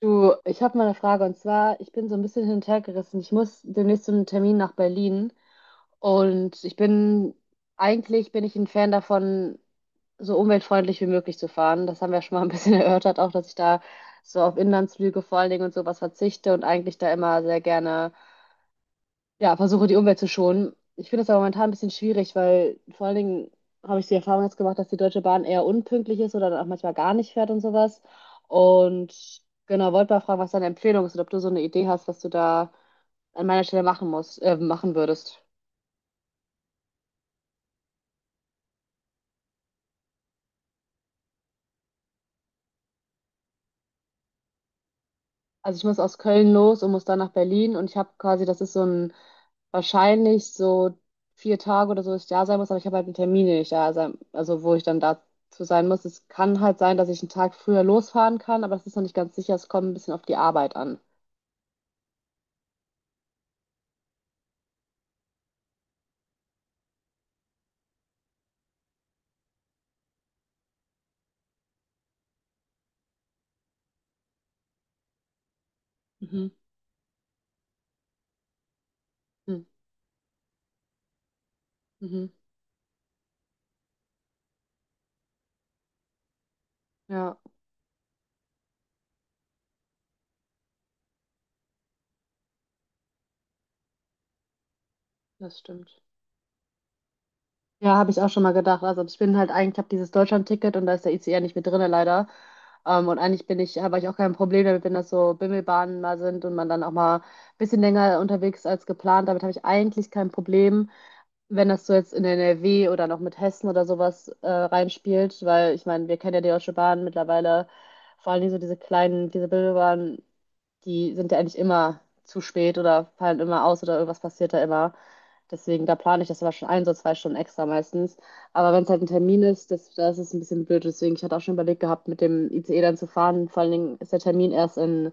Du, ich habe mal eine Frage und zwar, ich bin so ein bisschen hin und her gerissen. Ich muss demnächst zu einem Termin nach Berlin und ich bin, eigentlich bin ich ein Fan davon, so umweltfreundlich wie möglich zu fahren. Das haben wir schon mal ein bisschen erörtert, auch dass ich da so auf Inlandsflüge vor allen Dingen und sowas verzichte und eigentlich da immer sehr gerne ja, versuche die Umwelt zu schonen. Ich finde das aber momentan ein bisschen schwierig, weil vor allen Dingen habe ich die Erfahrung jetzt gemacht, dass die Deutsche Bahn eher unpünktlich ist oder dann auch manchmal gar nicht fährt und sowas. Und genau, wollte mal fragen, was deine Empfehlung ist und ob du so eine Idee hast, was du da an meiner Stelle machen würdest. Also ich muss aus Köln los und muss dann nach Berlin und ich habe quasi, das ist so ein, wahrscheinlich so 4 Tage oder so, dass ich da sein muss, aber ich habe halt einen Termin, den ich da sein, also wo ich dann dazu sein muss. Es kann halt sein, dass ich einen Tag früher losfahren kann, aber das ist noch nicht ganz sicher. Es kommt ein bisschen auf die Arbeit an. Mhm. Mhm. Mhm. Ja, das stimmt. Ja, habe ich auch schon mal gedacht. Also ich bin halt eigentlich, habe dieses Deutschland-Ticket und da ist der ICE nicht mit drinne leider. Und eigentlich bin ich, habe ich auch kein Problem damit, wenn das so Bimmelbahnen mal sind und man dann auch mal ein bisschen länger unterwegs ist als geplant. Damit habe ich eigentlich kein Problem, wenn das so jetzt in NRW oder noch mit Hessen oder sowas reinspielt, weil ich meine, wir kennen ja die Deutsche Bahn mittlerweile, vor allem so diese kleinen, diese Bimmelbahnen, die sind ja eigentlich immer zu spät oder fallen immer aus oder irgendwas passiert da immer. Deswegen, da plane ich das aber schon ein, so 2 Stunden extra meistens. Aber wenn es halt ein Termin ist, das ist ein bisschen blöd. Deswegen, ich hatte auch schon überlegt gehabt, mit dem ICE dann zu fahren. Vor allen Dingen ist der Termin erst in,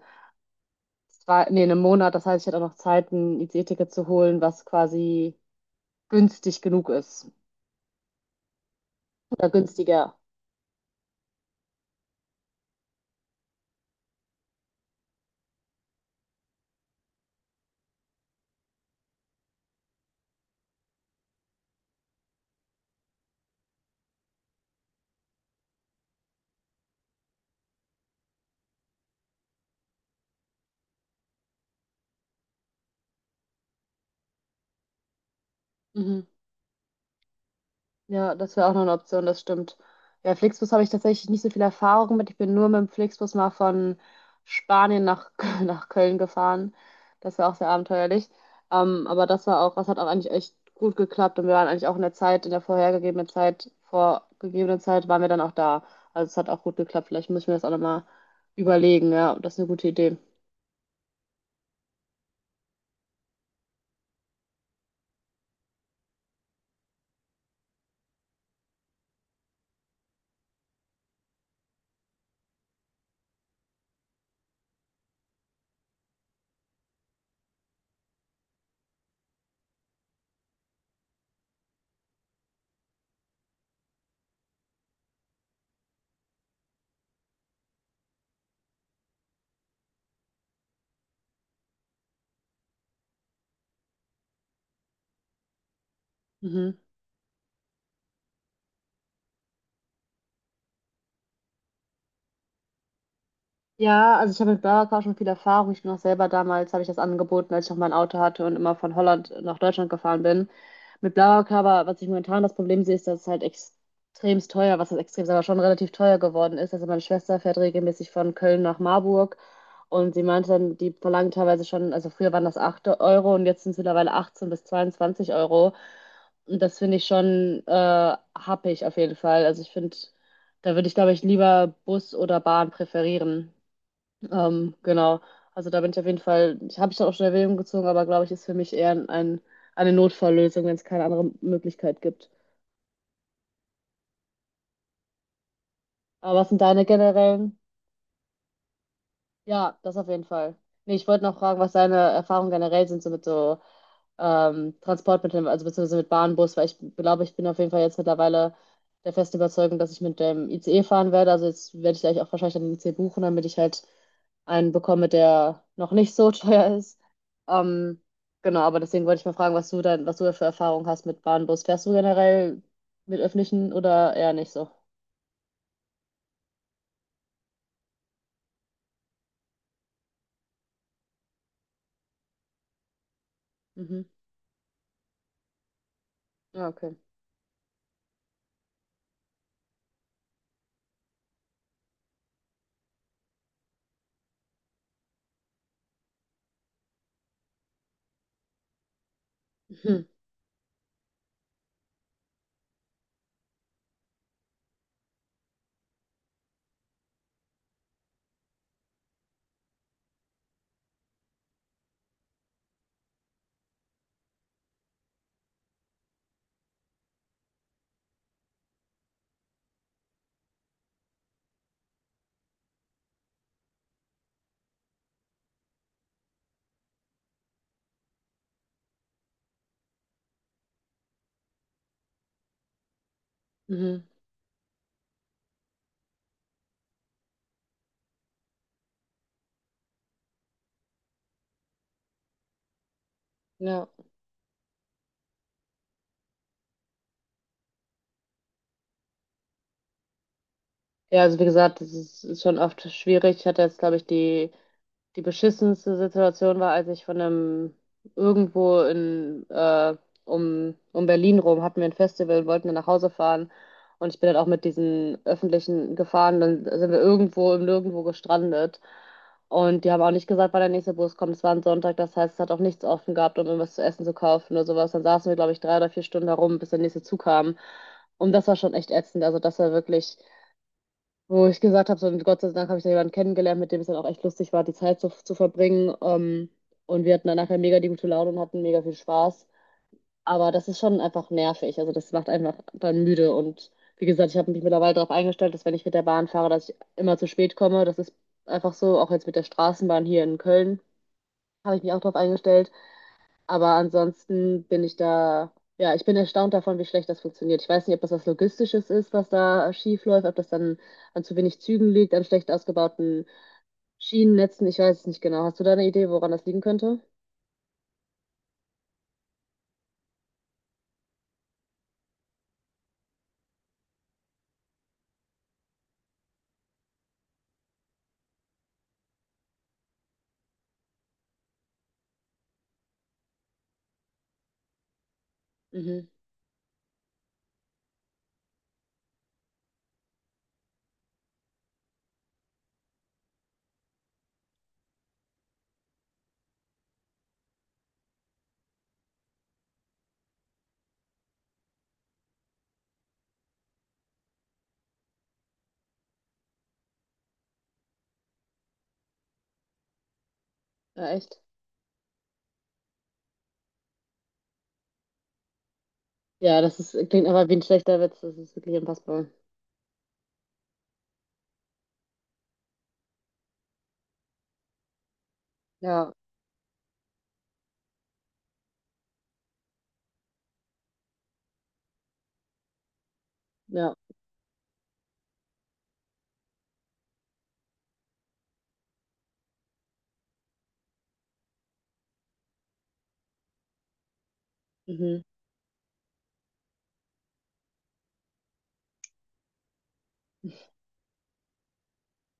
drei, nee, in einem Monat. Das heißt, ich hätte auch noch Zeit, ein ICE-Ticket zu holen, was quasi günstig genug ist. Oder günstiger. Mhm. Ja, das wäre auch noch eine Option, das stimmt. Ja, Flixbus habe ich tatsächlich nicht so viel Erfahrung mit. Ich bin nur mit dem Flixbus mal von Spanien nach, nach Köln gefahren. Das war auch sehr abenteuerlich. Aber das war auch, das hat auch eigentlich echt gut geklappt und wir waren eigentlich auch in der Zeit, in der vorhergegebenen Zeit, vorgegebenen Zeit, waren wir dann auch da. Also es hat auch gut geklappt. Vielleicht muss ich mir das auch nochmal überlegen, ja. Das ist eine gute Idee. Mhm. Ja, also ich habe mit Burger King schon viel Erfahrung. Ich bin auch selber damals, habe ich das angeboten, als ich noch mein Auto hatte und immer von Holland nach Deutschland gefahren bin. Mit Burger King, aber was ich momentan das Problem sehe, ist, dass es halt extremst teuer, was heißt extrem, aber schon relativ teuer geworden ist. Also meine Schwester fährt regelmäßig von Köln nach Marburg und sie meinte dann, die verlangen teilweise schon, also früher waren das 8 Euro und jetzt sind es mittlerweile 18 bis 22 Euro. Und das finde ich schon happig auf jeden Fall. Also ich finde, da würde ich, glaube ich, lieber Bus oder Bahn präferieren. Genau. Also da bin ich auf jeden Fall, ich habe ich dann auch schon in Erwägung gezogen, aber glaube ich, ist für mich eher eine Notfalllösung, wenn es keine andere Möglichkeit gibt. Aber was sind deine generellen? Ja, das auf jeden Fall. Nee, ich wollte noch fragen, was deine Erfahrungen generell sind, so mit so Transportmitteln, also beziehungsweise mit Bahn, Bus, weil ich glaube, ich bin auf jeden Fall jetzt mittlerweile der festen Überzeugung, dass ich mit dem ICE fahren werde. Also jetzt werde ich gleich auch wahrscheinlich einen ICE buchen, damit ich halt einen bekomme, der noch nicht so teuer ist. Ähm, genau, aber deswegen wollte ich mal fragen, was du dann, was du für Erfahrungen hast mit Bahn, Bus. Fährst du generell mit öffentlichen oder eher nicht so? Mhm. Ja, okay. Mhm. Mhm. Ja. Ja, also wie gesagt, das ist schon oft schwierig. Ich hatte jetzt, glaube ich, die beschissenste Situation war, als ich von einem irgendwo in um Berlin rum hatten wir ein Festival und wollten dann nach Hause fahren. Und ich bin dann auch mit diesen öffentlichen gefahren. Dann sind wir irgendwo im Nirgendwo gestrandet. Und die haben auch nicht gesagt, wann der nächste Bus kommt. Es war ein Sonntag, das heißt, es hat auch nichts offen gehabt, um irgendwas zu essen zu kaufen oder sowas. Dann saßen wir, glaube ich, 3 oder 4 Stunden herum, bis der nächste Zug kam. Und das war schon echt ätzend. Also das war wirklich wo ich gesagt habe, so, und Gott sei Dank habe ich da jemanden kennengelernt, mit dem es dann auch echt lustig war, die Zeit zu verbringen. Und wir hatten dann nachher mega die gute Laune und hatten mega viel Spaß. Aber das ist schon einfach nervig. Also das macht einfach dann müde. Und wie gesagt, ich habe mich mittlerweile darauf eingestellt, dass wenn ich mit der Bahn fahre, dass ich immer zu spät komme. Das ist einfach so, auch jetzt mit der Straßenbahn hier in Köln habe ich mich auch darauf eingestellt. Aber ansonsten bin ich da, ja, ich bin erstaunt davon, wie schlecht das funktioniert. Ich weiß nicht, ob das was Logistisches ist, was da schief läuft, ob das dann an zu wenig Zügen liegt, an schlecht ausgebauten Schienennetzen. Ich weiß es nicht genau. Hast du da eine Idee, woran das liegen könnte? Mhm. Ja, echt? Ja, das ist, klingt aber wie ein schlechter Witz. Das ist wirklich unfassbar. Ja, ja. Mhm.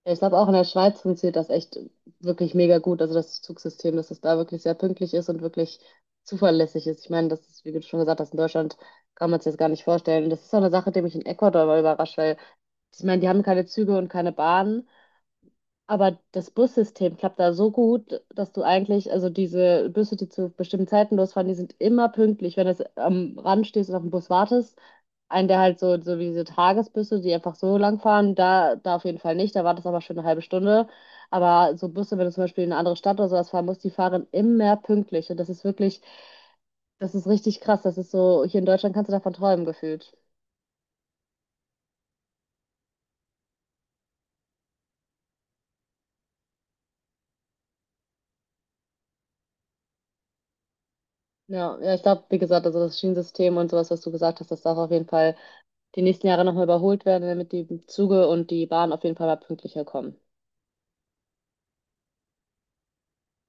Ja, ich glaube, auch in der Schweiz funktioniert das echt wirklich mega gut. Also das Zugsystem, dass es da wirklich sehr pünktlich ist und wirklich zuverlässig ist. Ich meine, das ist, wie du schon gesagt hast, in Deutschland kann man es jetzt gar nicht vorstellen. Und das ist auch eine Sache, die mich in Ecuador mal überrascht, weil ich meine, die haben keine Züge und keine Bahnen. Aber das Bussystem klappt da so gut, dass du eigentlich, also diese Busse, die zu bestimmten Zeiten losfahren, die sind immer pünktlich, wenn du am Rand stehst und auf den Bus wartest. Einen, der halt so, so wie diese Tagesbusse, die einfach so lang fahren, da auf jeden Fall nicht, da wartest du aber schon eine halbe Stunde. Aber so Busse, wenn du zum Beispiel in eine andere Stadt oder sowas fahren musst, die fahren immer pünktlich. Und das ist wirklich, das ist richtig krass. Das ist so, hier in Deutschland kannst du davon träumen gefühlt. Ja, ja, ich glaube, wie gesagt, also das Schienensystem und sowas, was du gesagt hast, das darf auf jeden Fall die nächsten Jahre nochmal überholt werden, damit die Züge und die Bahn auf jeden Fall mal pünktlicher kommen.